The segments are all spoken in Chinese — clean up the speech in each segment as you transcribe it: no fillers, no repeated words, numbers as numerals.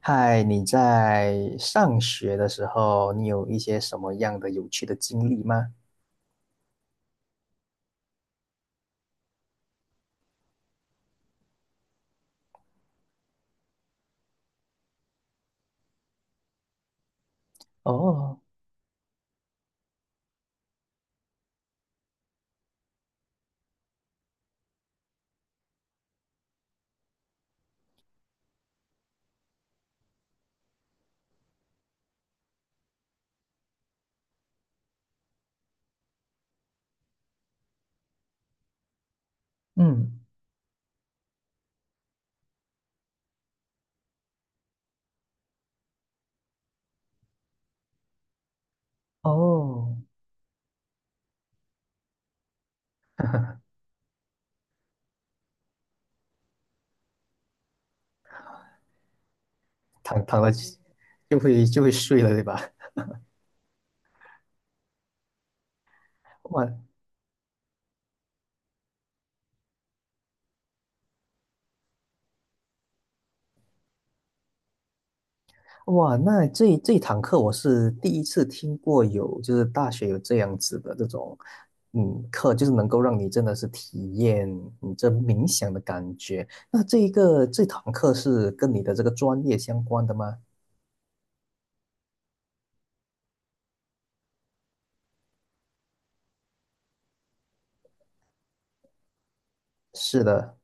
嗨，你在上学的时候，你有一些什么样的有趣的经历吗？哦。嗯。哦。躺了就会睡了，对吧？哇。哇，那这堂课我是第一次听过有，就是大学有这样子的这种，嗯，课就是能够让你真的是体验你这冥想的感觉。那这一个这堂课是跟你的这个专业相关的吗？是的。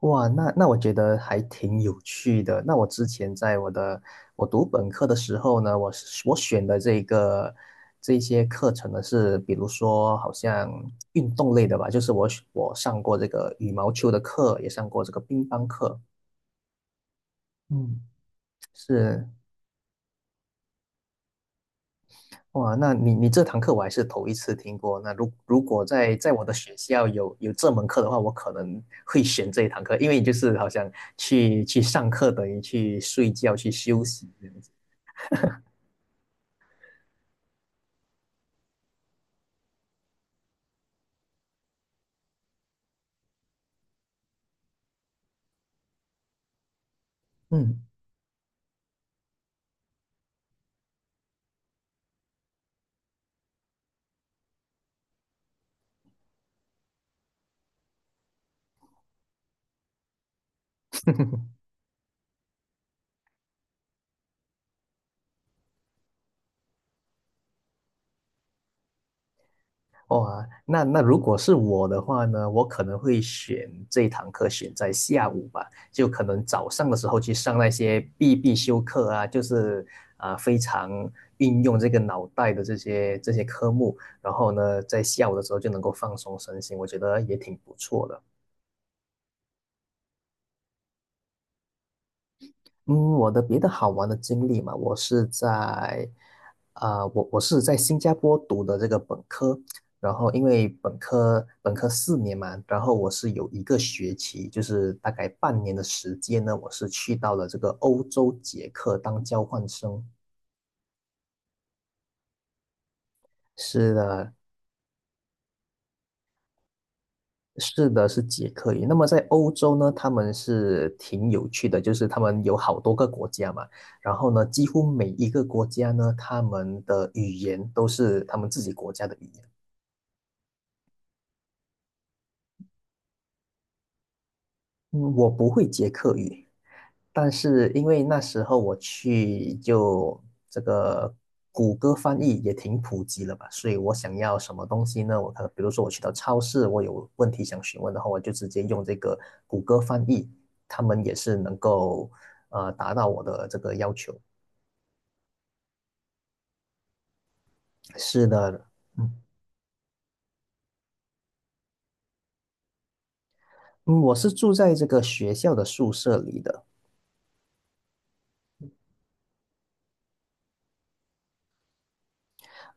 哇，那那我觉得还挺有趣的。那我之前在我的我读本科的时候呢，我是我选的这个这些课程呢是，比如说好像运动类的吧，就是我选我上过这个羽毛球的课，也上过这个乒乓课。嗯。是。哇，那你这堂课我还是头一次听过。那如果在在我的学校有有这门课的话，我可能会选这一堂课，因为就是好像去去上课等于去睡觉去休息。这样子。嗯。哇，那那如果是我的话呢，我可能会选这一堂课选在下午吧，就可能早上的时候去上那些必修课啊，就是非常运用这个脑袋的这些这些科目，然后呢在下午的时候就能够放松身心，我觉得也挺不错的。嗯，我的别的好玩的经历嘛，我是在，我我是在新加坡读的这个本科，然后因为本科四年嘛，然后我是有一个学期，就是大概半年的时间呢，我是去到了这个欧洲捷克当交换生。是的。是的，是捷克语。那么在欧洲呢，他们是挺有趣的，就是他们有好多个国家嘛，然后呢，几乎每一个国家呢，他们的语言都是他们自己国家的语言。嗯，我不会捷克语，但是因为那时候我去就这个谷歌翻译也挺普及了吧，所以我想要什么东西呢？我可能比如说我去到超市，我有问题想询问的话，我就直接用这个谷歌翻译，他们也是能够达到我的这个要求。是的。嗯。嗯，我是住在这个学校的宿舍里的。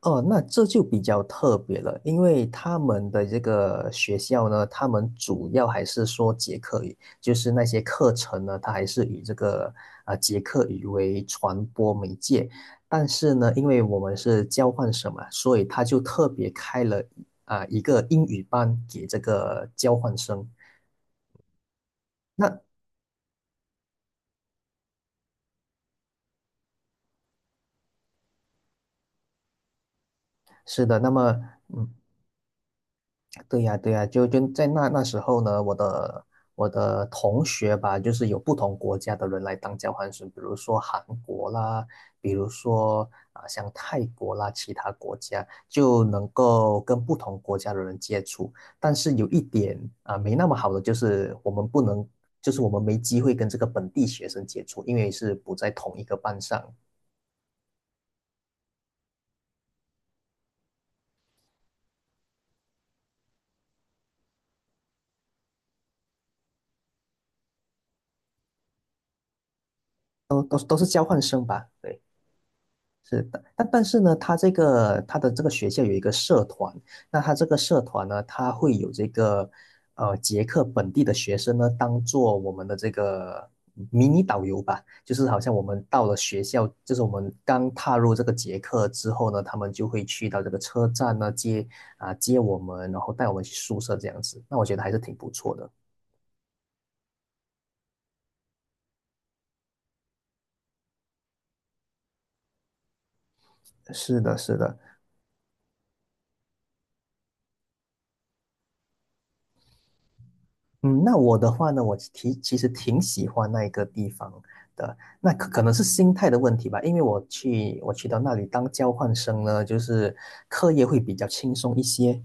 哦，那这就比较特别了，因为他们的这个学校呢，他们主要还是说捷克语，就是那些课程呢，它还是以这个捷克语为传播媒介。但是呢，因为我们是交换生嘛，所以他就特别开了一个英语班给这个交换生。那是的，那么嗯，对呀，对呀，就在那时候呢，我的我的同学吧，就是有不同国家的人来当交换生，比如说韩国啦，比如说像泰国啦，其他国家就能够跟不同国家的人接触。但是有一点没那么好的就是我们不能，就是我们没机会跟这个本地学生接触，因为是不在同一个班上。都是都是交换生吧，对。是的，但但是呢，他这个他的这个学校有一个社团，那他这个社团呢，他会有这个捷克本地的学生呢，当做我们的这个迷你导游吧，就是好像我们到了学校，就是我们刚踏入这个捷克之后呢，他们就会去到这个车站呢接接我们，然后带我们去宿舍这样子，那我觉得还是挺不错的。是的，是的。嗯，那我的话呢，我其实挺喜欢那一个地方的，那可能是心态的问题吧，因为我去我去到那里当交换生呢，就是课业会比较轻松一些，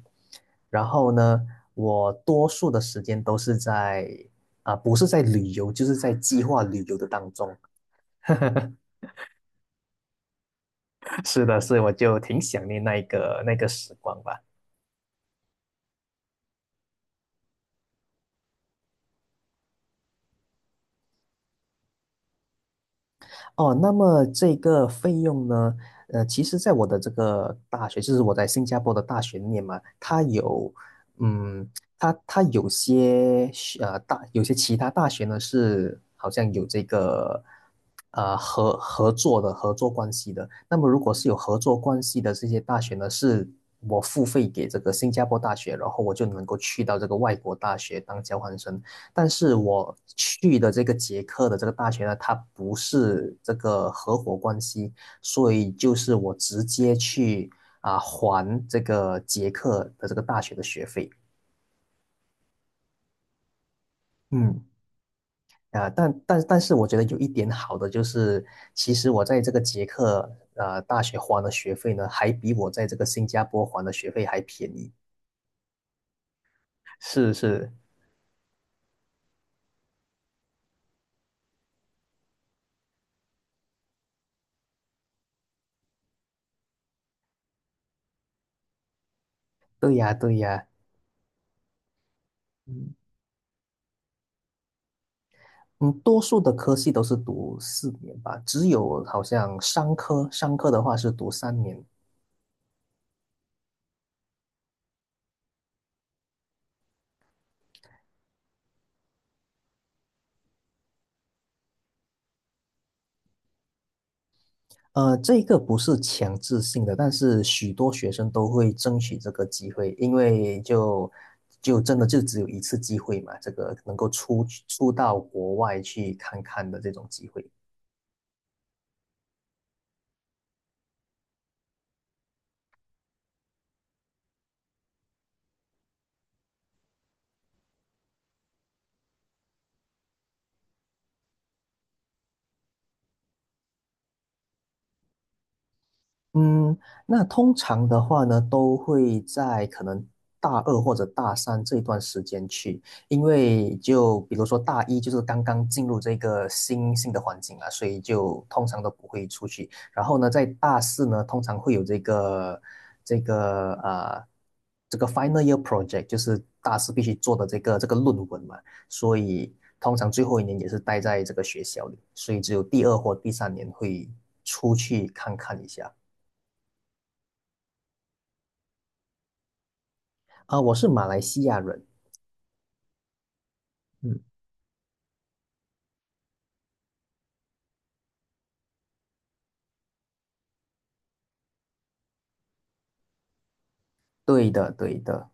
然后呢，我多数的时间都是在不是在旅游，就是在计划旅游的当中。是的，所以我就挺想念那一个那个时光吧。哦，那么这个费用呢？其实，在我的这个大学，就是我在新加坡的大学里面嘛，它有，嗯，它它有些学大有些其他大学呢是好像有这个合作的合作关系的。那么，如果是有合作关系的这些大学呢，是我付费给这个新加坡大学，然后我就能够去到这个外国大学当交换生。但是我去的这个捷克的这个大学呢，它不是这个合伙关系，所以就是我直接去还这个捷克的这个大学的学费。嗯，但是我觉得有一点好的就是，其实我在这个捷克大学还的学费呢，还比我在这个新加坡还的学费还便宜。是是。对呀对呀。嗯。嗯，多数的科系都是读四年吧，只有好像商科，商科的话是读三年。这个不是强制性的，但是许多学生都会争取这个机会，因为就真的就只有一次机会嘛，这个能够出去出到国外去看看的这种机会。嗯，那通常的话呢，都会在可能大二或者大三这一段时间去，因为就比如说大一就是刚刚进入这个新的环境啊，所以就通常都不会出去。然后呢，在大四呢，通常会有这个这个这个 final year project,就是大四必须做的这个这个论文嘛，所以通常最后一年也是待在这个学校里，所以只有第二或第三年会出去看看一下。啊，我是马来西亚人。嗯，对的，对的。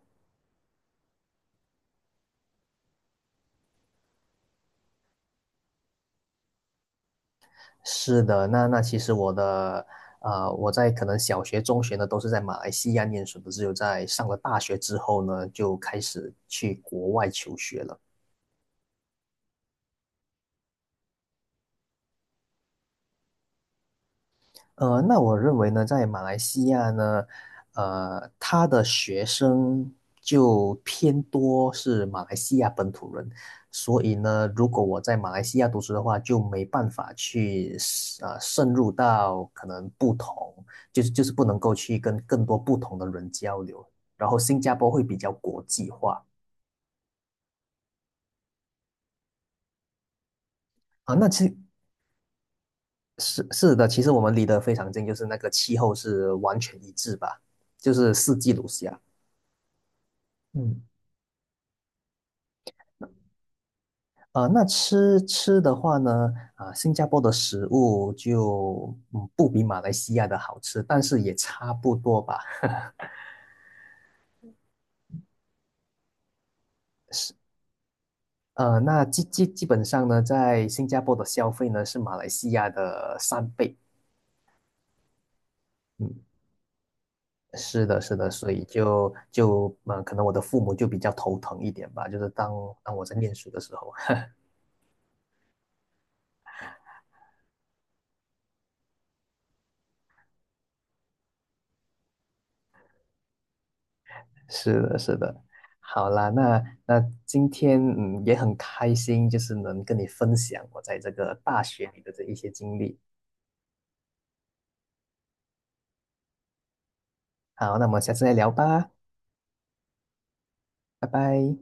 是的。那那其实我的，我在可能小学、中学呢都是在马来西亚念书的，只有在上了大学之后呢，就开始去国外求学了。那我认为呢，在马来西亚呢，他的学生就偏多是马来西亚本土人，所以呢，如果我在马来西亚读书的话，就没办法去渗入到可能不同，就是不能够去跟更多不同的人交流。然后新加坡会比较国际化。啊，那其是是的，其实我们离得非常近，就是那个气候是完全一致吧，就是四季如夏。嗯。那吃的话呢，新加坡的食物就嗯不比马来西亚的好吃，但是也差不多吧。是，那基本上呢，在新加坡的消费呢是马来西亚的三倍。嗯，是的，是的，所以就可能我的父母就比较头疼一点吧，就是当当我在念书的时候。是的，是的，好啦，那那今天嗯也很开心，就是能跟你分享我在这个大学里的这一些经历。好，那我们下次再聊吧，拜拜。